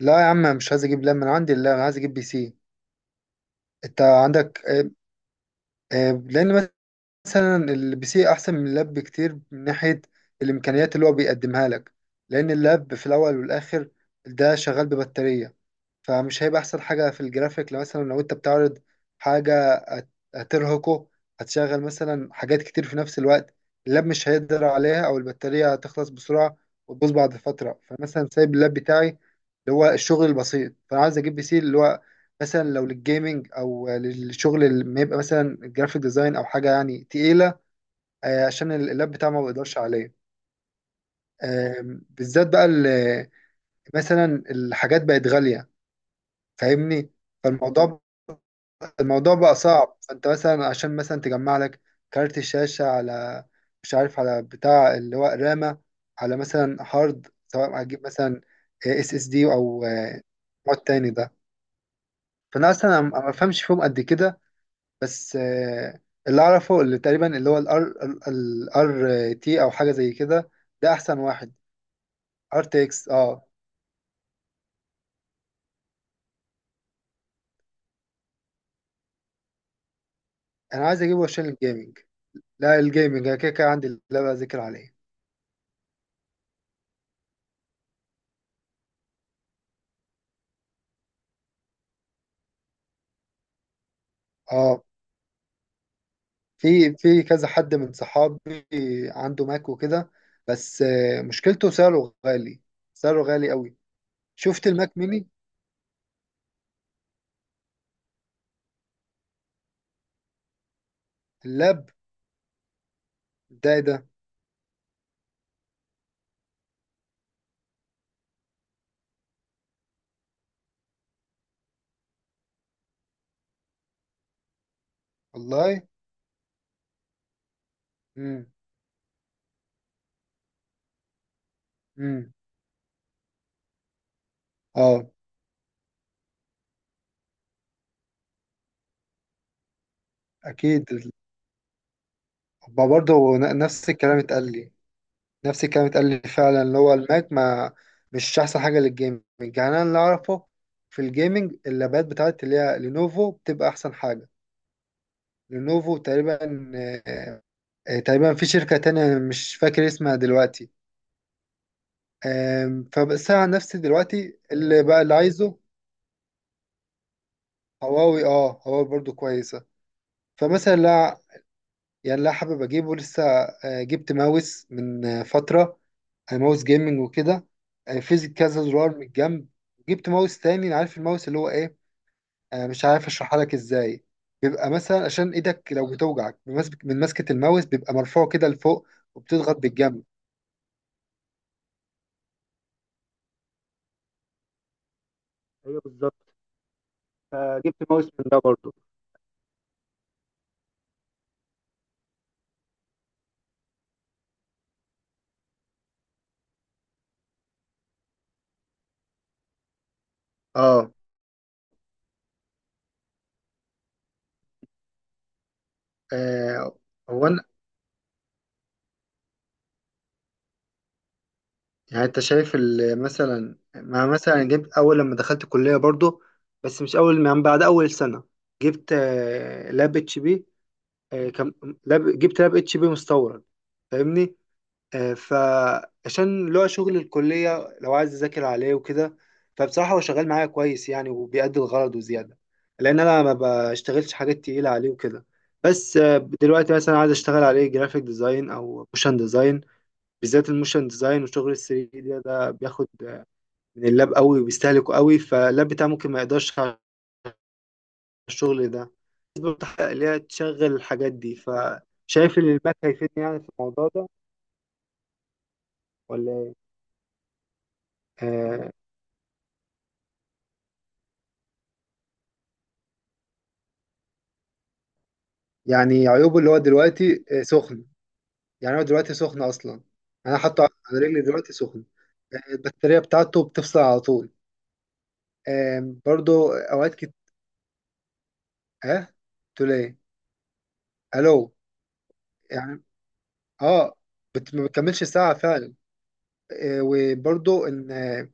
لا يا عم، مش عايز اجيب لاب من عندي. لا، انا عايز اجيب بي سي. انت عندك. لان مثلا البي سي احسن من اللاب بكتير من ناحيه الامكانيات اللي هو بيقدمها لك، لان اللاب في الاول والاخر ده شغال ببطاريه. فمش هيبقى احسن حاجه في الجرافيك لو مثلا لو انت بتعرض حاجه هترهقه، هتشغل مثلا حاجات كتير في نفس الوقت. اللاب مش هيقدر عليها، او البطاريه هتخلص بسرعه وتبوظ بعد فتره. فمثلا سايب اللاب بتاعي اللي هو الشغل البسيط، فانا عايز اجيب بي سي، اللي هو مثلا لو للجيمنج او للشغل اللي ما يبقى مثلا جرافيك ديزاين او حاجه يعني تقيله. عشان اللاب بتاعي ما بيقدرش عليه. بالذات بقى مثلا الحاجات بقت غاليه، فاهمني. فالموضوع الموضوع بقى صعب. فانت مثلا عشان مثلا تجمع لك كارت الشاشة على، مش عارف، على بتاع اللي هو رامة، على مثلا هارد. سواء هتجيب مثلا اس اس دي او مواد تاني ده. فانا اصلا أنا ما بفهمش فيهم قد كده، بس اللي اعرفه اللي تقريبا اللي هو الار تي او حاجة زي كده، ده احسن واحد. ار تي اكس. اه. انا عايز اجيبه عشان الجيمنج. لا، الجيمنج انا كده كده عندي اللي بذاكر عليه. اه. في كذا حد من صحابي عنده ماك وكده، بس مشكلته سعره غالي، سعره غالي قوي. شفت الماك ميني؟ اللاب ده إيه ده؟ والله. امم. امم. اه. اكيد ما برضه نفس الكلام اتقال لي. نفس الكلام اتقال لي فعلا. اللي هو الماك ما مش احسن حاجه للجيمنج. يعني انا اللي اعرفه في الجيمنج اللابات بتاعت اللي هي لينوفو بتبقى احسن حاجه. لينوفو تقريبا، في شركة تانية مش فاكر اسمها دلوقتي. فبس أنا عن نفسي دلوقتي اللي بقى اللي عايزه، هواوي، اه، هواوي برضو كويسة. فمثلا لا، يعني لا حابب أجيبه لسه. جبت ماوس من فترة، ماوس جيمنج وكده. في كذا زرار من الجنب. جبت ماوس تاني. عارف الماوس اللي هو ايه؟ مش عارف اشرحها لك ازاي. بيبقى مثلا عشان ايدك لو بتوجعك، من مسكة الماوس بيبقى مرفوع كده لفوق، وبتضغط بالجنب. ايوه بالظبط. فجبت ماوس من ده برضه. اه. آه، هو انا، يعني انت شايف مثلا ما مثلا جبت اول لما دخلت الكليه برضو، بس مش اول، من بعد اول سنه جبت لاب اتش بي. آه، كم لاب جبت لاب اتش بي مستورد، فاهمني. فعشان اللي هو شغل الكليه، لو عايز اذاكر عليه وكده فبصراحه هو شغال معايا كويس يعني، وبيأدي الغرض وزياده، لان انا ما بشتغلش حاجات تقيله عليه وكده. بس دلوقتي مثلا عايز اشتغل عليه جرافيك ديزاين او موشن ديزاين، بالذات الموشن ديزاين. وشغل ال 3 دي ده بياخد من اللاب قوي وبيستهلكه قوي، فاللاب بتاعه ممكن ما يقدرش على الشغل ده. بتحقق ليها تشغل الحاجات دي، فشايف ان الماك هيفيدني يعني في الموضوع ده، ولا ايه؟ آه. يعني عيوبه، اللي هو دلوقتي سخن. يعني هو دلوقتي سخن اصلا. انا حاطه على رجلي دلوقتي سخن. البطاريه بتاعته بتفصل على طول. آه، برضو اوقات اه. تقول ايه؟ الو. يعني، اه. ما بتكملش ساعه فعلا. وبرضو ان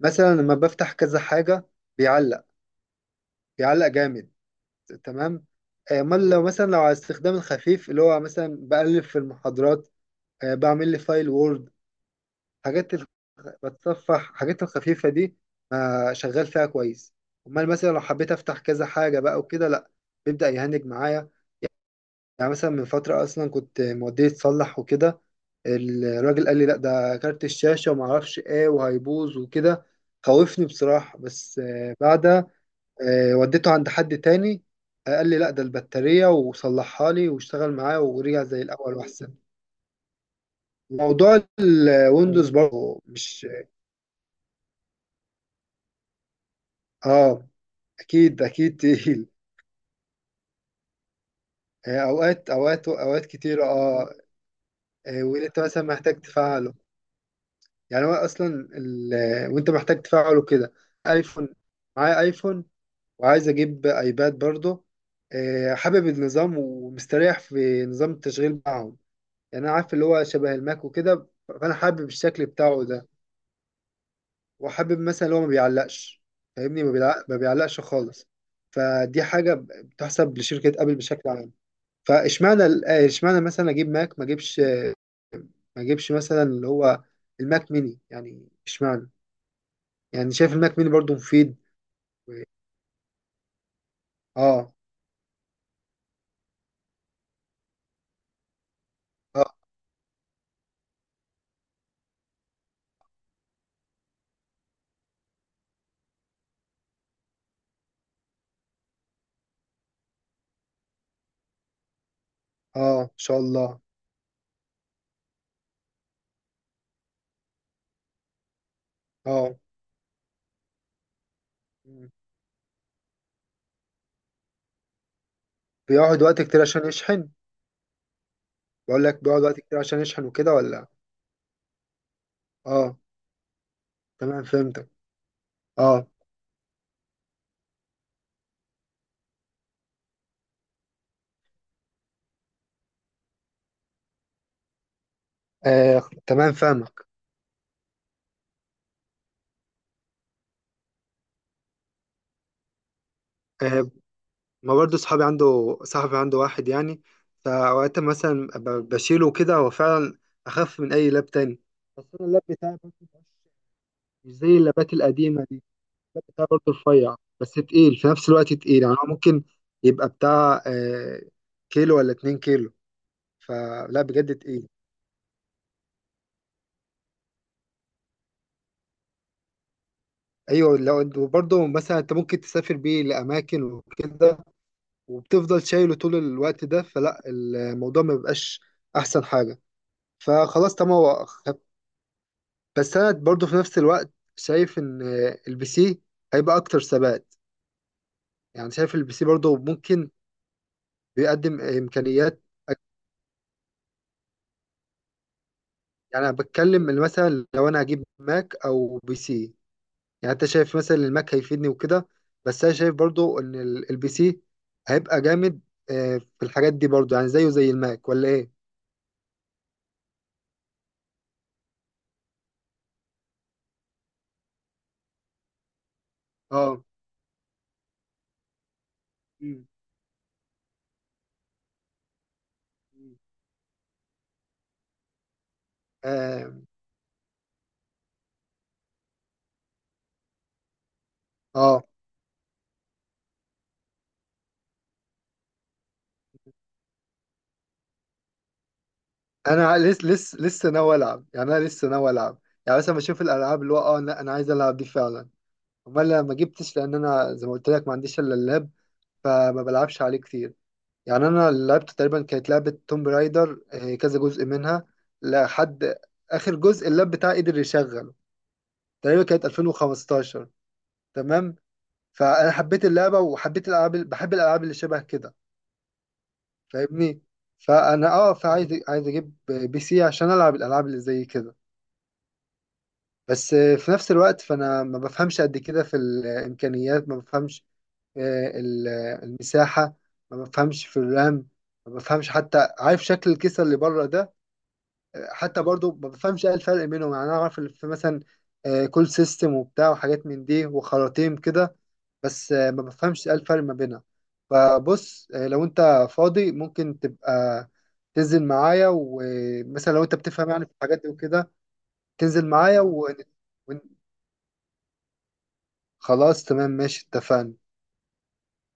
مثلا لما بفتح كذا حاجة بيعلق. بيعلق جامد. تمام. امال لو مثلا لو على استخدام الخفيف اللي هو مثلا بألف في المحاضرات، بعمل لي فايل وورد. حاجات الخ- بتصفح حاجات الخفيفة دي. شغال فيها كويس. امال مثلا لو حبيت افتح كذا حاجة بقى وكده، لا، بيبدأ يهنج معايا. يعني مثلا من فترة أصلا كنت موديه يتصلح وكده، الراجل قال لي لأ ده كارت الشاشة وما أعرفش إيه وهيبوظ وكده. خوفني بصراحة، بس بعدها وديته عند حد تاني، قال لي لأ ده البطارية، وصلحها لي واشتغل معايا ورجع زي الأول وأحسن. موضوع الويندوز برضه مش. آه. أكيد أكيد تقيل. أوقات أوقات أوقات كتير. آه. واللي أنت مثلا محتاج تفعله، يعني هو اصلا ال... وانت محتاج تفعله كده. ايفون، معايا ايفون، وعايز اجيب ايباد برضه. حابب النظام ومستريح في نظام التشغيل معاهم. يعني انا عارف اللي هو شبه الماك وكده، فانا حابب الشكل بتاعه ده. وحابب مثلا اللي هو ما بيعلقش، فاهمني. ما بيعلقش خالص. فدي حاجة بتحسب لشركة ابل بشكل عام. فاشمعنى اشمعنى مثلا اجيب ماك ما اجيبش مثلا اللي هو الماك ميني، يعني اشمعنى؟ يعني شايف الماك ميني برضو مفيد. اه. اه. اه ان شاء الله. اه. مم. بيقعد وقت كتير عشان يشحن؟ بقول لك بيقعد وقت كتير عشان يشحن وكده ولا؟ اه، تمام فهمتك. اه، آه. تمام فاهمك. آه. ما برضو صحابي عنده، صاحبي عنده واحد يعني، فأوقات مثلا بشيله كده. هو فعلا أخف من أي لاب تاني، بس أنا اللاب بتاعي برضو مش زي اللابات القديمة دي. بتاع برضه رفيع بس تقيل، في نفس الوقت تقيل يعني. هو ممكن يبقى بتاع كيلو ولا 2 كيلو. فلا بجد تقيل. ايوه لو وبرضه مثلا انت ممكن تسافر بيه لاماكن وكده وبتفضل شايله طول الوقت ده، فلا الموضوع ما بيبقاش احسن حاجه. فخلاص تمام هو بس انا برضه في نفس الوقت شايف ان البي سي هيبقى اكتر ثبات. يعني شايف البي سي برضه ممكن بيقدم امكانيات. يعني انا بتكلم إن مثلا لو انا هجيب ماك او بي سي، يعني انت شايف مثلا إن الماك هيفيدني وكده، بس انا شايف برضو ان البي سي هيبقى جامد في الحاجات دي برضو، يعني زيه زي الماك، ولا ايه؟ اه. مم. مم. اه. آه. انا لسه لسه لسه ناوي العب، يعني انا لسه ناوي العب. يعني مثلا بشوف الالعاب اللي هو. اه. لا، انا عايز العب دي فعلا. امال أنا ما جبتش، لان انا زي ما قلت لك ما عنديش الا اللاب، فما بلعبش عليه كتير. يعني انا لعبت تقريبا كانت لعبه توم رايدر، كذا جزء منها، لحد اخر جزء اللاب بتاعي قدر يشغله. تقريبا كانت 2015. تمام. فانا حبيت اللعبه وحبيت الالعاب، بحب الالعاب اللي شبه كده، فاهمني. فانا، اه، عايز اجيب بي سي عشان العب الالعاب اللي زي كده. بس في نفس الوقت فانا ما بفهمش قد كده في الامكانيات. ما بفهمش آه، ال- المساحه. ما بفهمش في الرام. ما بفهمش حتى. عارف شكل الكيسه اللي بره ده؟ حتى برضو ما بفهمش ايه الفرق بينهم. يعني انا اعرف اللي في مثلا كول سيستم وبتاع وحاجات من دي وخراطيم كده، بس ما بفهمش ايه الفرق ما بينها. فبص، لو انت فاضي ممكن تبقى تنزل معايا، ومثلا لو انت بتفهم يعني في الحاجات دي وكده تنزل معايا ون... خلاص تمام ماشي، اتفقنا.